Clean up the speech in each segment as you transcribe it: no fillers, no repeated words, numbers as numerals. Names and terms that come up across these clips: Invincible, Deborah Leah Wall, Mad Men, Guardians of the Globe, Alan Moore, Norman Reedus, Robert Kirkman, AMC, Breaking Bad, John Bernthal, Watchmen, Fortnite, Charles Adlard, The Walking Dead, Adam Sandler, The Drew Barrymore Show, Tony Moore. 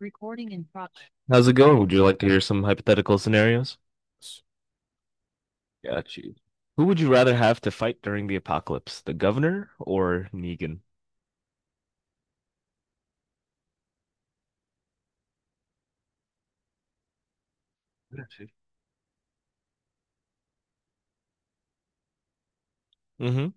Recording in progress. How's it going? Would you like to hear some hypothetical scenarios? Got you. Who would you rather have to fight during the apocalypse, the governor or Negan? Mm-hmm.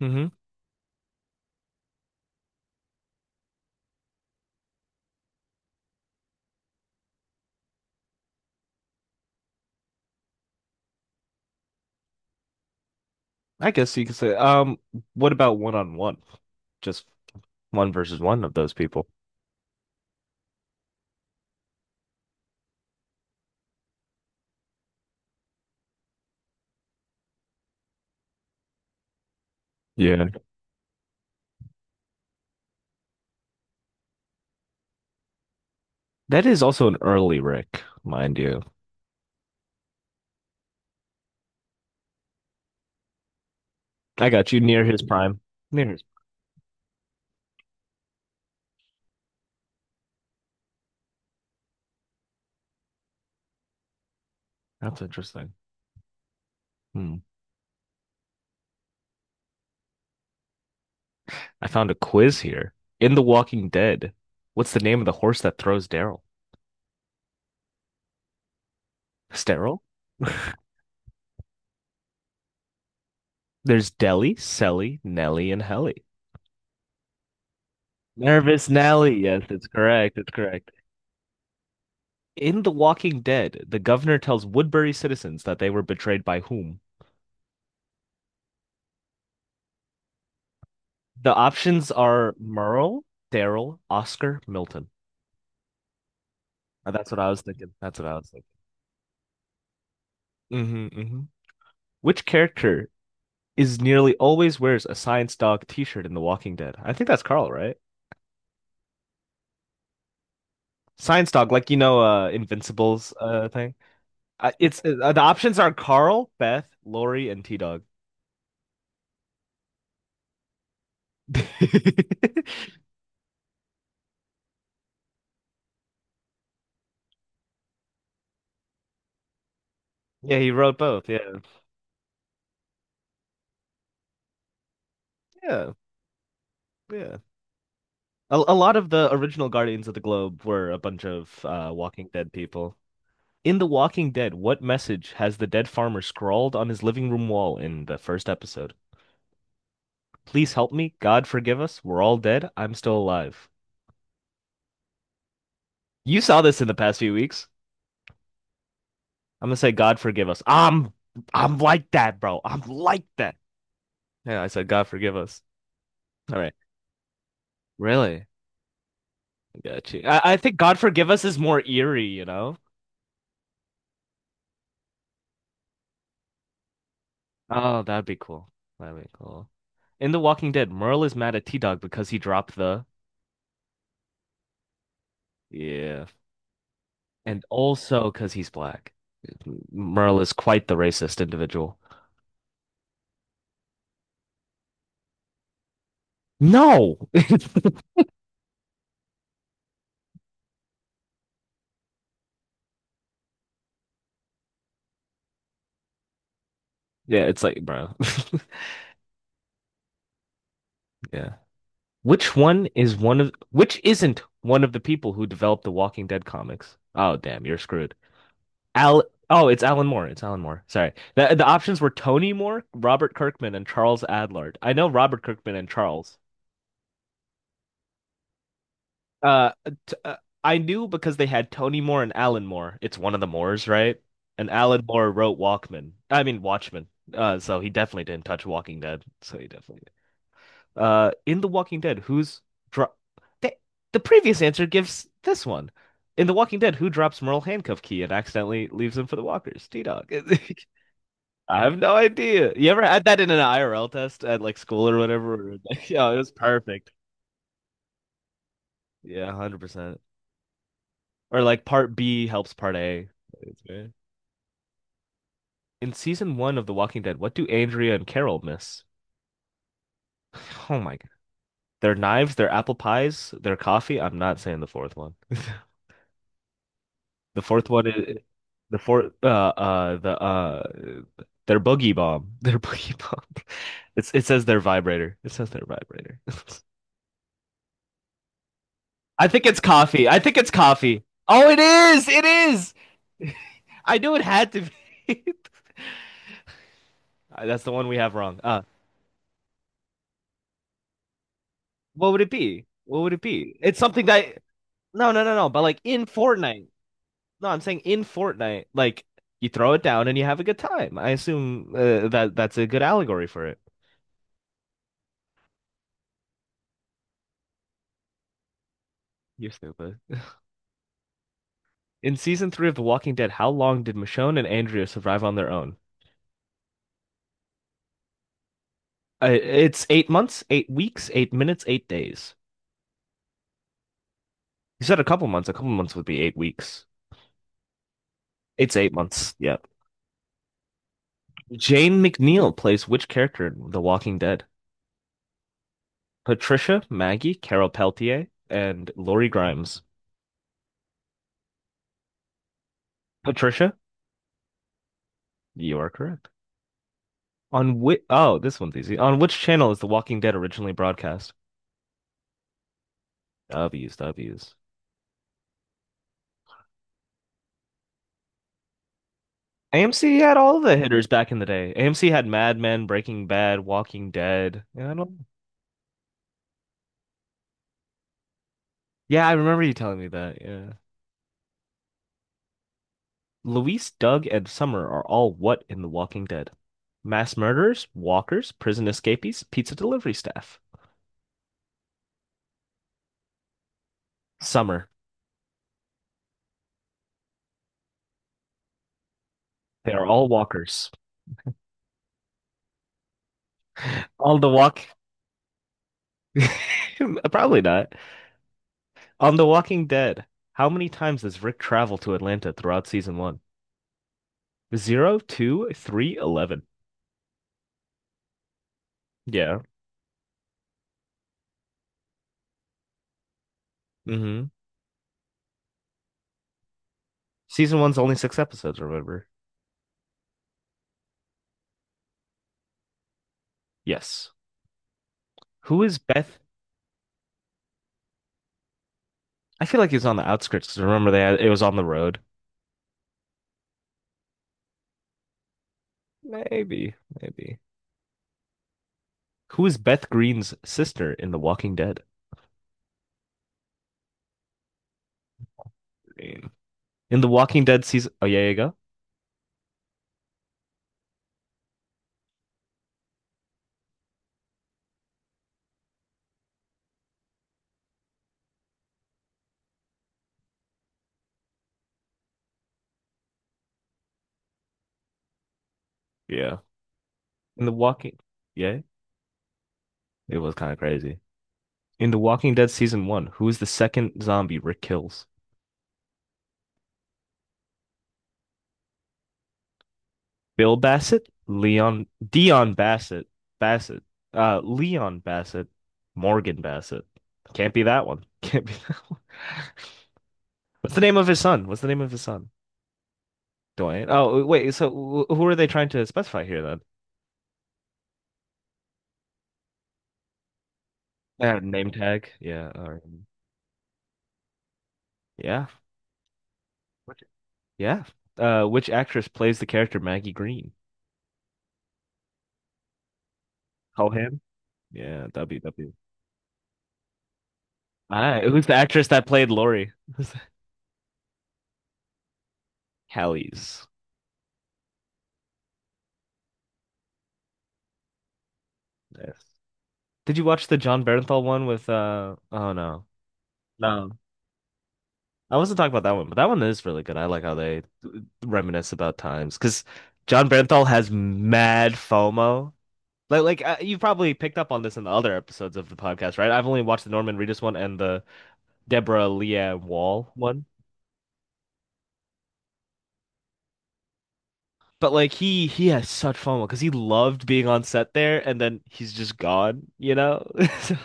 Mm-hmm. I guess you could say, um, what about one on one? Just one versus one of those people. Yeah. That is also an early Rick, mind you. I got you near his prime. Near his. That's interesting. Hmm. I found a quiz here. In The Walking Dead, what's the name of the horse that throws Daryl? Sterile? There's Deli, Selly, Nelly, and Helly. Nervous Nelly. Yes, it's correct. It's correct. In The Walking Dead, the governor tells Woodbury citizens that they were betrayed by whom? The options are Merle, Daryl, Oscar, Milton. That's what I was thinking. That's what I was thinking. Hmm. Which character is nearly always wears a science dog t-shirt in The Walking Dead? I think that's Carl, right? Science dog, like Invincible's thing. It's the options are Carl, Beth, Lori, and T-Dog. Yeah, he wrote both. Yeah. Yeah. Yeah. A lot of the original Guardians of the Globe were a bunch of Walking Dead people. In The Walking Dead, what message has the dead farmer scrawled on his living room wall in the first episode? Please help me. God forgive us. We're all dead. I'm still alive. You saw this in the past few weeks. I'm gonna say God forgive us. I'm like that, bro. I'm like that. Yeah, I said God forgive us. All right. Really? I got you. I think God forgive us is more eerie, you know? Oh, that'd be cool. That'd be cool. In The Walking Dead, Merle is mad at T-Dog because he dropped the, yeah, and also because he's black. Merle is quite the racist individual. No. Yeah, it's like, bro. Yeah. Which isn't one of the people who developed the Walking Dead comics? Oh, damn, you're screwed. Al Oh, it's Alan Moore. It's Alan Moore. Sorry. The options were Tony Moore, Robert Kirkman, and Charles Adlard. I know Robert Kirkman and Charles. Uh, t I knew because they had Tony Moore and Alan Moore. It's one of the Moores, right? And Alan Moore wrote Walkman. I mean Watchmen. So he definitely didn't touch Walking Dead. So he definitely did. In The Walking Dead, dro- the previous answer gives this one. In The Walking Dead, who drops Merle handcuff key and accidentally leaves him for the walkers? T-Dog. I have no idea. You ever had that in an IRL test at like school or whatever? Yeah, it was perfect. Yeah, 100%. Or like part B helps part A. It's very- In season one of The Walking Dead, what do Andrea and Carol miss? Oh my God. Their knives, their apple pies, their coffee. I'm not saying the fourth one. The fourth one is the fourth uh uh the uh their boogie bomb. Their boogie bomb. It says their vibrator. It says their vibrator. I think it's coffee. I think it's coffee. Oh, it is. It is. I knew it had to be. That's the one we have wrong. What would it be? What would it be? It's something that, no, no, no, no. But like in Fortnite, no, I'm saying in Fortnite, like you throw it down and you have a good time. I assume that that's a good allegory for it. You're stupid. In season three of The Walking Dead, how long did Michonne and Andrea survive on their own? It's 8 months, 8 weeks, 8 minutes, 8 days. You said a couple months. A couple months would be 8 weeks. It's 8 months. Yep. Jane McNeil plays which character in The Walking Dead? Patricia, Maggie, Carol Peltier, and Lori Grimes. Patricia, you are correct. On which? Oh, this one's easy. On which channel is The Walking Dead originally broadcast? W's, W's. AMC had all the hitters back in the day. AMC had Mad Men, Breaking Bad, Walking Dead. Yeah, I don't. Yeah, I remember you telling me that. Yeah. Luis, Doug, and Summer are all what in The Walking Dead? Mass murderers, walkers, prison escapees, pizza delivery staff. Summer. They are all walkers. All the walk Probably not. On The Walking Dead, how many times does Rick travel to Atlanta throughout season one? Zero, two, three, 11. Yeah. hmm Season one's only six episodes, remember? Yes. Who is Beth? I feel like he was on the outskirts 'cause remember it was on the road. Maybe, maybe. Who is Beth Greene's sister in The Walking Dead? Green. In The Walking Dead season. Oh, yeah, yeah, go. Yeah. In The Walking. Yeah, it was kind of crazy. In The Walking Dead season one, who is the second zombie Rick kills? Bill Bassett, Leon, Dion Bassett, Bassett, Leon Bassett, Morgan Bassett. Can't be that one. Can't be that one. What's the name of his son? What's the name of his son? Dwayne. Oh, wait. So who are they trying to specify here then? Name tag. Yeah. or- yeah. Which- Yeah. Which actress plays the character Maggie Green? Cohan? Yeah. W. W. All right. Who's the actress that played Lori? Who's Callies. Yes. Did you watch the John Bernthal one with oh no. No. I wasn't talking about that one, but that one is really good. I like how they reminisce about times because John Bernthal has mad FOMO. You probably picked up on this in the other episodes of the podcast, right? I've only watched the Norman Reedus one and the Deborah Leah Wall one. But like he has such FOMO because he loved being on set there and then he's just gone, you know? So,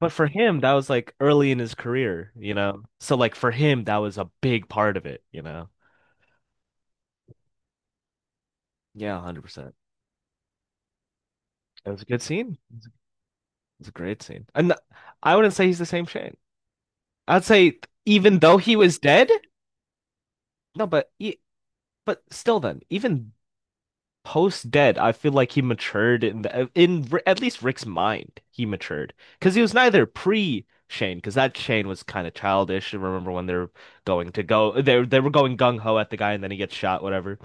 but for him, that was like early in his career, you know? So like for him, that was a big part of it, you know? Yeah, 100%. It was a good scene. It was a great scene. And I wouldn't say he's the same Shane. I'd say even though he was dead, no, but e but still then, even post dead, I feel like he matured in the in at least Rick's mind, he matured. Because he was neither pre Shane, because that Shane was kind of childish. I remember when they're going to go, they were going gung ho at the guy, and then he gets shot, whatever.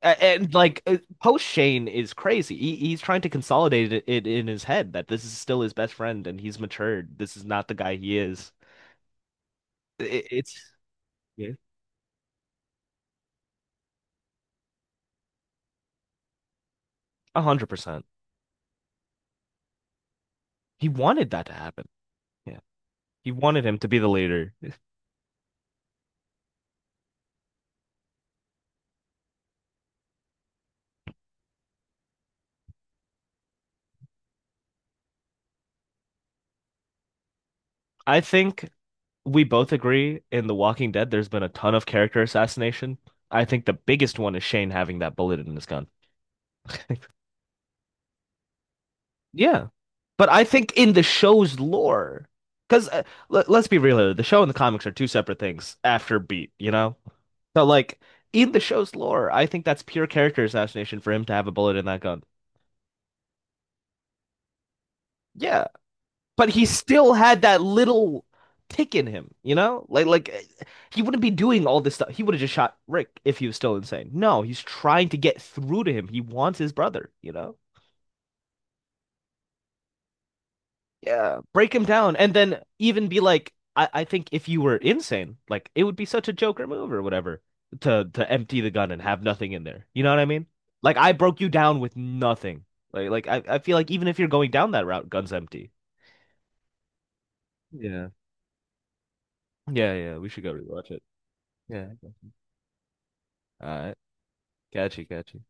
And like post Shane is crazy. He's trying to consolidate it, it in his head that this is still his best friend and he's matured. This is not the guy he is. It, it's yeah, 100%. He wanted that to happen. Yeah, he wanted him to be the leader. I think we both agree in The Walking Dead. There's been a ton of character assassination. I think the biggest one is Shane having that bullet in his gun. Yeah. But I think in the show's lore, because let's be real here, the show and the comics are two separate things after Beat, you know? So, like, in the show's lore, I think that's pure character assassination for him to have a bullet in that gun. Yeah. But he still had that little tick in him, you know? He wouldn't be doing all this stuff. He would have just shot Rick if he was still insane. No, he's trying to get through to him. He wants his brother, you know? Yeah, break him down, and then even be like, I think if you were insane, like it would be such a Joker move or whatever to empty the gun and have nothing in there. You know what I mean? Like I broke you down with nothing. Like I feel like even if you're going down that route, gun's empty. Yeah. Yeah, yeah, we should go rewatch it. Yeah. All right, catchy, catchy.